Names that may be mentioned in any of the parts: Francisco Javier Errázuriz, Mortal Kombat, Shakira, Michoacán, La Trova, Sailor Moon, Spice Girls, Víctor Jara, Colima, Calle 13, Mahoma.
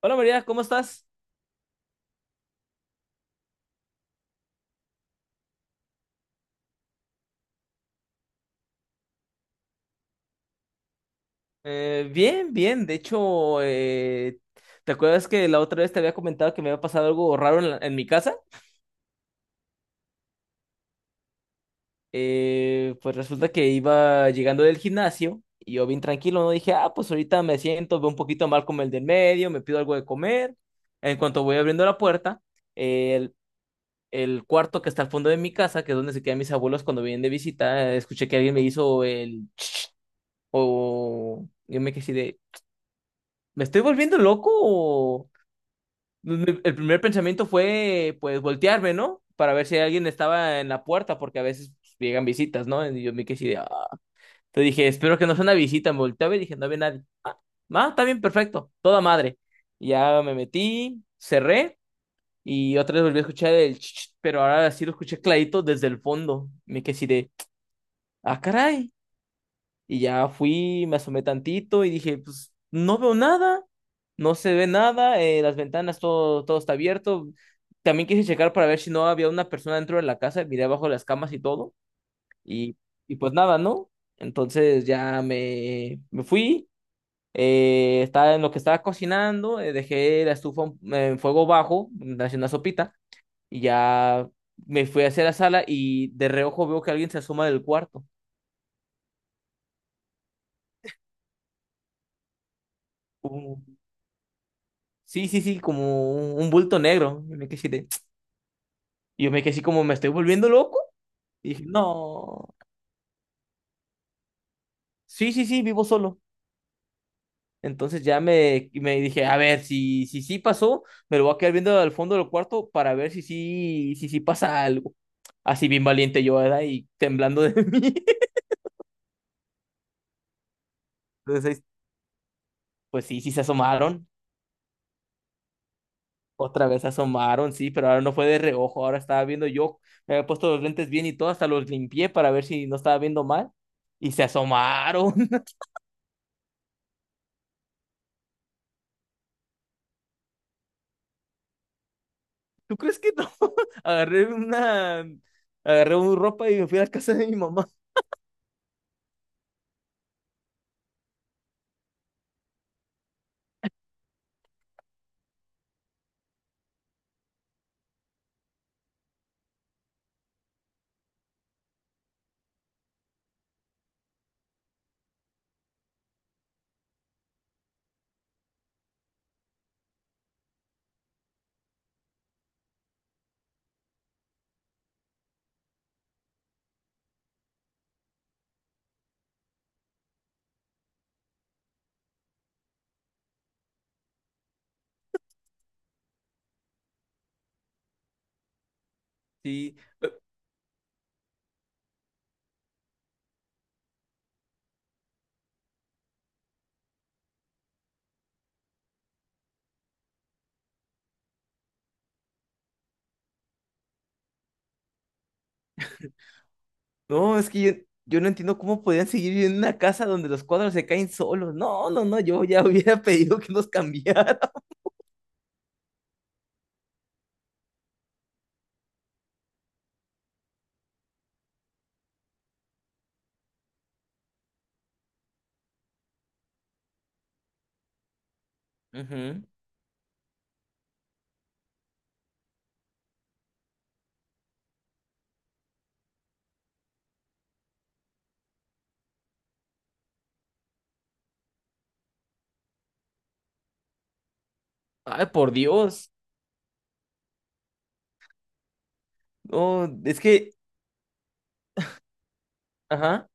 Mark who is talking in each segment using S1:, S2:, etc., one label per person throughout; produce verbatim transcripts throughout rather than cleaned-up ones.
S1: Hola María, ¿cómo estás? Eh, bien, bien. De hecho, eh, ¿te acuerdas que la otra vez te había comentado que me había pasado algo raro en, la- en mi casa? Eh, pues resulta que iba llegando del gimnasio y yo bien tranquilo, ¿no? Dije, ah, pues ahorita me siento, veo un poquito mal como el del medio, me pido algo de comer. En cuanto voy abriendo la puerta, eh, el, el cuarto que está al fondo de mi casa, que es donde se quedan mis abuelos cuando vienen de visita, eh, escuché que alguien me hizo el— O yo me quedé así de, ¿me estoy volviendo loco? O...? Mi- El primer pensamiento fue, pues, voltearme, ¿no? Para ver si alguien estaba en la puerta, porque a veces pues, llegan visitas, ¿no? Y yo me quedé así de, "Ah". Te dije, espero que no sea una visita. Me volteaba y dije, no había nadie. Ah, ah, está bien, perfecto, toda madre. Y ya me metí, cerré y otra vez volví a escuchar el ch, ch, pero ahora sí lo escuché clarito desde el fondo. Me quedé así de, ah, caray. Y ya fui, me asomé tantito y dije, pues no veo nada, no se ve nada, eh, las ventanas, todo, todo está abierto. También quise checar para ver si no había una persona dentro de la casa, miré abajo de las camas y todo, y, y pues nada, ¿no? Entonces ya me, me fui, eh, estaba en lo que estaba cocinando, eh, dejé la estufa en en fuego bajo, haciendo una sopita, y ya me fui hacia la sala y de reojo veo que alguien se asoma del cuarto. Sí, sí, sí, como un, un bulto negro. Y me quedé así de- y yo me quedé así como, ¿me estoy volviendo loco? Y dije, no. Sí, sí, sí, vivo solo. Entonces ya me, me dije, a ver, si, si sí pasó, me lo voy a quedar viendo al fondo del cuarto para ver si sí, si sí pasa algo. Así bien valiente yo, ¿verdad? Y temblando de mí. Entonces, ahí- pues sí, sí se asomaron. Otra vez se asomaron, sí, pero ahora no fue de reojo. Ahora estaba viendo yo. Me había puesto los lentes bien y todo, hasta los limpié para ver si no estaba viendo mal. Y se asomaron. ¿Tú crees que no? Agarré una, agarré un ropa y me fui a la casa de mi mamá. Sí, no, es que yo, yo no entiendo cómo podían seguir viviendo en una casa donde los cuadros se caen solos. No, no, no, yo ya hubiera pedido que nos cambiaran. Ujú. Ay, por Dios. No, es que, ajá.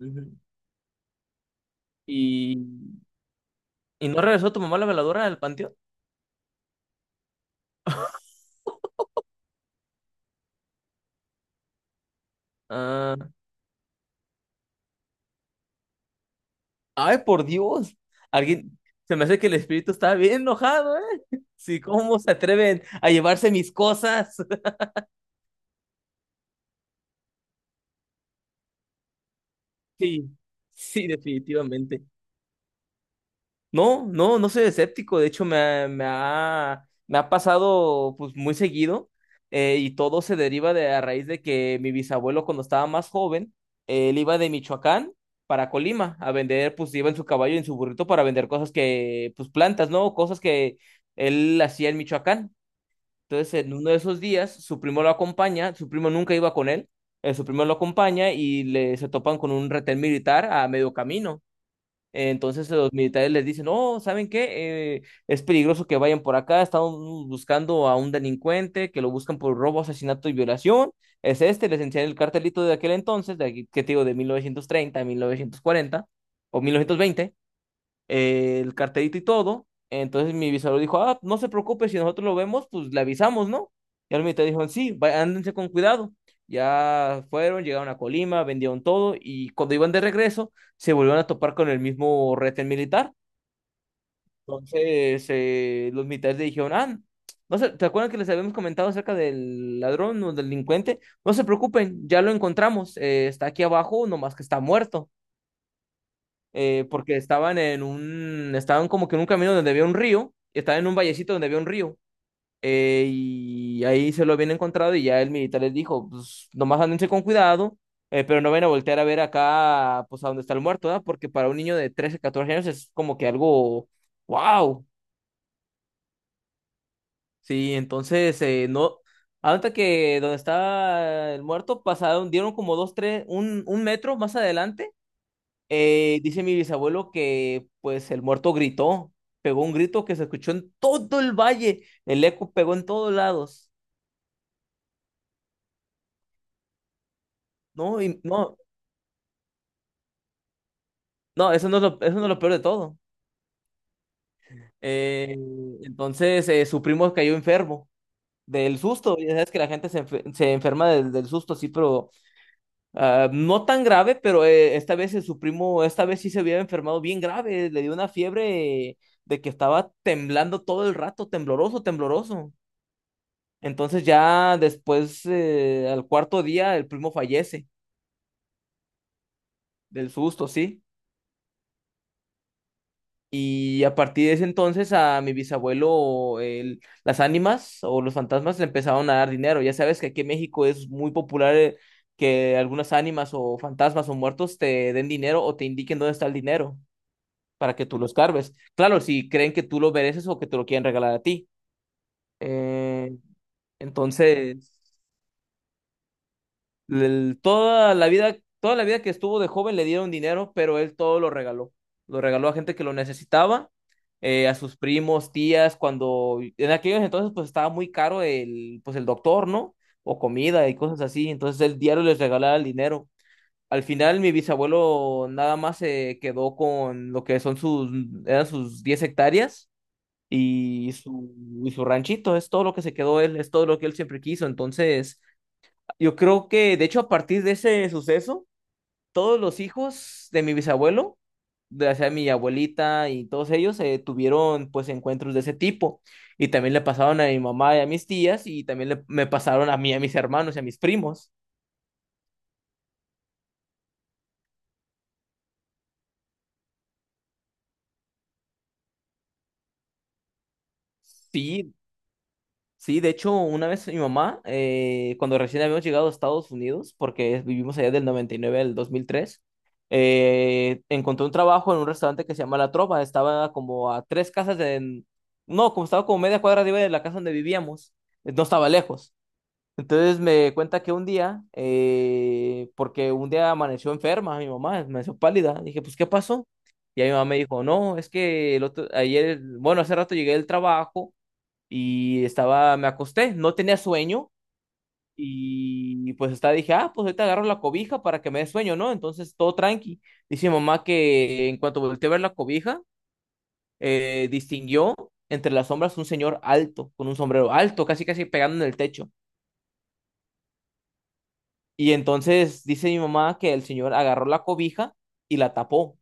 S1: Ujú. ¿Y, y no regresó tu mamá la veladora al panteón? Ah, ay, por Dios. Alguien, se me hace que el espíritu está bien enojado, ¿eh? Sí, ¿cómo se atreven a llevarse mis cosas? Sí, sí, definitivamente. No, no, no soy escéptico. De hecho, me, ha, me ha me ha pasado pues muy seguido, eh, y todo se deriva de a raíz de que mi bisabuelo cuando estaba más joven, él iba de Michoacán para Colima a vender, pues iba en su caballo y en su burrito para vender cosas que, pues plantas, ¿no? Cosas que él hacía en Michoacán. Entonces, en uno de esos días, su primo lo acompaña, su primo nunca iba con él, eh, su primo lo acompaña y le, se topan con un retén militar a medio camino. Eh, Entonces los militares les dicen, no, ¿saben qué? Eh, es peligroso que vayan por acá, estamos buscando a un delincuente que lo buscan por robo, asesinato y violación. Es este, les enseñan el cartelito de aquel entonces, de aquí, ¿qué te digo? De mil mil novecientos treinta, mil novecientos cuarenta o mil novecientos veinte, eh, el carterito y todo. Entonces mi bisabuelo dijo, ah, no se preocupe, si nosotros lo vemos, pues le avisamos, ¿no? Y al militar dijo, sí, va- ándense con cuidado. Ya fueron, llegaron a Colima, vendieron todo y cuando iban de regreso, se volvieron a topar con el mismo retén militar. Entonces eh, los militares le dijeron, ah, no se, ¿te acuerdan que les habíamos comentado acerca del ladrón o del delincuente? No se preocupen, ya lo encontramos, eh, está aquí abajo, nomás que está muerto, eh, porque estaban en un, estaban como que en un camino donde había un río, estaban en un vallecito donde había un río, eh, y ahí se lo habían encontrado y ya el militar les dijo, pues nomás ándense con cuidado, eh, pero no vayan a voltear a ver acá, pues a donde está el muerto, ¿verdad? Porque para un niño de trece catorce años es como que algo, wow, sí, entonces eh, no. Hasta que donde estaba el muerto pasaron, dieron como dos, tres, un, un metro más adelante. Eh, dice mi bisabuelo que pues el muerto gritó, pegó un grito que se escuchó en todo el valle, el eco pegó en todos lados. No, y no, no, eso no es lo, eso no es lo peor de todo. Eh, entonces eh, su primo cayó enfermo del susto, ya sabes que la gente se, enfe- se enferma del, del susto, sí, pero ah, no tan grave, pero eh, esta vez, eh, su primo, esta vez sí se había enfermado bien grave, le dio una fiebre, eh, de que estaba temblando todo el rato, tembloroso, tembloroso. Entonces ya después, eh, al cuarto día, el primo fallece del susto, ¿sí? Y a partir de ese entonces a mi bisabuelo, el- las ánimas o los fantasmas le empezaron a dar dinero. Ya sabes que aquí en México es muy popular, eh, que algunas ánimas o fantasmas o muertos te den dinero o te indiquen dónde está el dinero para que tú los carves. Claro, si creen que tú lo mereces o que te lo quieren regalar a ti. Eh, entonces... el- Toda la vida, toda la vida que estuvo de joven le dieron dinero, pero él todo lo regaló. Lo regaló a gente que lo necesitaba, eh, a sus primos, tías, cuando en aquellos entonces pues estaba muy caro el, pues el doctor, ¿no? O comida y cosas así. Entonces el diario les regalaba el dinero. Al final mi bisabuelo nada más se quedó con lo que son sus, eran sus diez hectáreas y su, y su ranchito. Es todo lo que se quedó él, es todo lo que él siempre quiso. Entonces. Yo creo que, de hecho, a partir de ese suceso, todos los hijos de mi bisabuelo, de, o sea, mi abuelita y todos ellos, eh, tuvieron pues encuentros de ese tipo. Y también le pasaron a mi mamá y a mis tías, y también le- me pasaron a mí, a mis hermanos y a mis primos. Sí, sí, de hecho, una vez mi mamá, eh, cuando recién habíamos llegado a Estados Unidos, porque vivimos allá del noventa y nueve al dos mil tres, eh, encontró un trabajo en un restaurante que se llama La Trova. Estaba como a tres casas de— No, como estaba como media cuadra arriba de la casa donde vivíamos. Eh, No estaba lejos. Entonces me cuenta que un día, eh, porque un día amaneció enferma mi mamá, amaneció pálida. Dije, pues, ¿qué pasó? Y ahí mi mamá me dijo, no, es que el otro, ayer, bueno, hace rato llegué del trabajo y estaba, me acosté, no tenía sueño y, y pues estaba, dije, ah, pues ahorita agarro la cobija para que me dé sueño, ¿no? Entonces todo tranqui. Dice mi mamá que en cuanto volteé a ver la cobija, eh, distinguió entre las sombras un señor alto, con un sombrero alto, casi casi pegando en el techo. Y entonces dice mi mamá que el señor agarró la cobija y la tapó.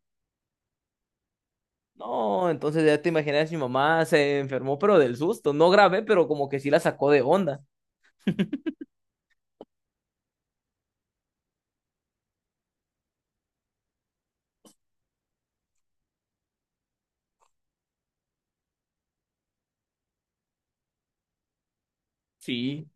S1: No, entonces ya te imaginas, mi mamá se enfermó, pero del susto, no grave, pero como que sí la sacó de onda. Sí,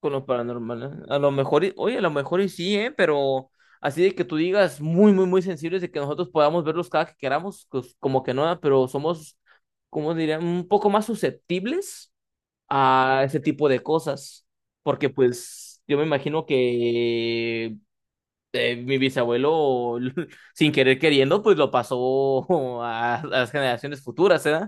S1: con lo paranormal. ¿Eh? A lo mejor, y- oye, a lo mejor y sí, ¿eh? Pero así de que tú digas muy, muy, muy sensibles de que nosotros podamos verlos cada que queramos, pues como que no, ¿eh? Pero somos, ¿cómo diría? Un poco más susceptibles a ese tipo de cosas. Porque pues yo me imagino que, eh, mi bisabuelo, sin querer queriendo, pues lo pasó a, a las generaciones futuras, ¿eh?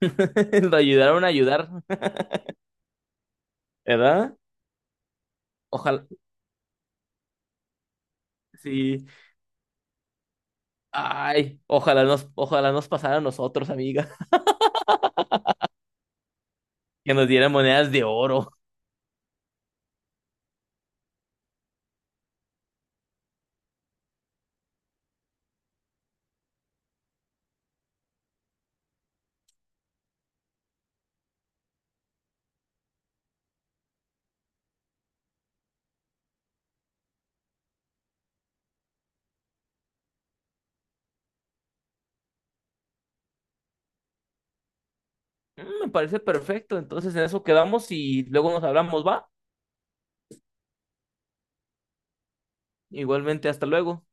S1: Lo ayudaron a ayudar, ¿verdad? Ojalá, sí. Ay, ojalá nos, ojalá nos pasara a nosotros, amiga, que nos dieran monedas de oro. Mm, me parece perfecto. Entonces en eso quedamos y luego nos hablamos, ¿va? Igualmente, hasta luego.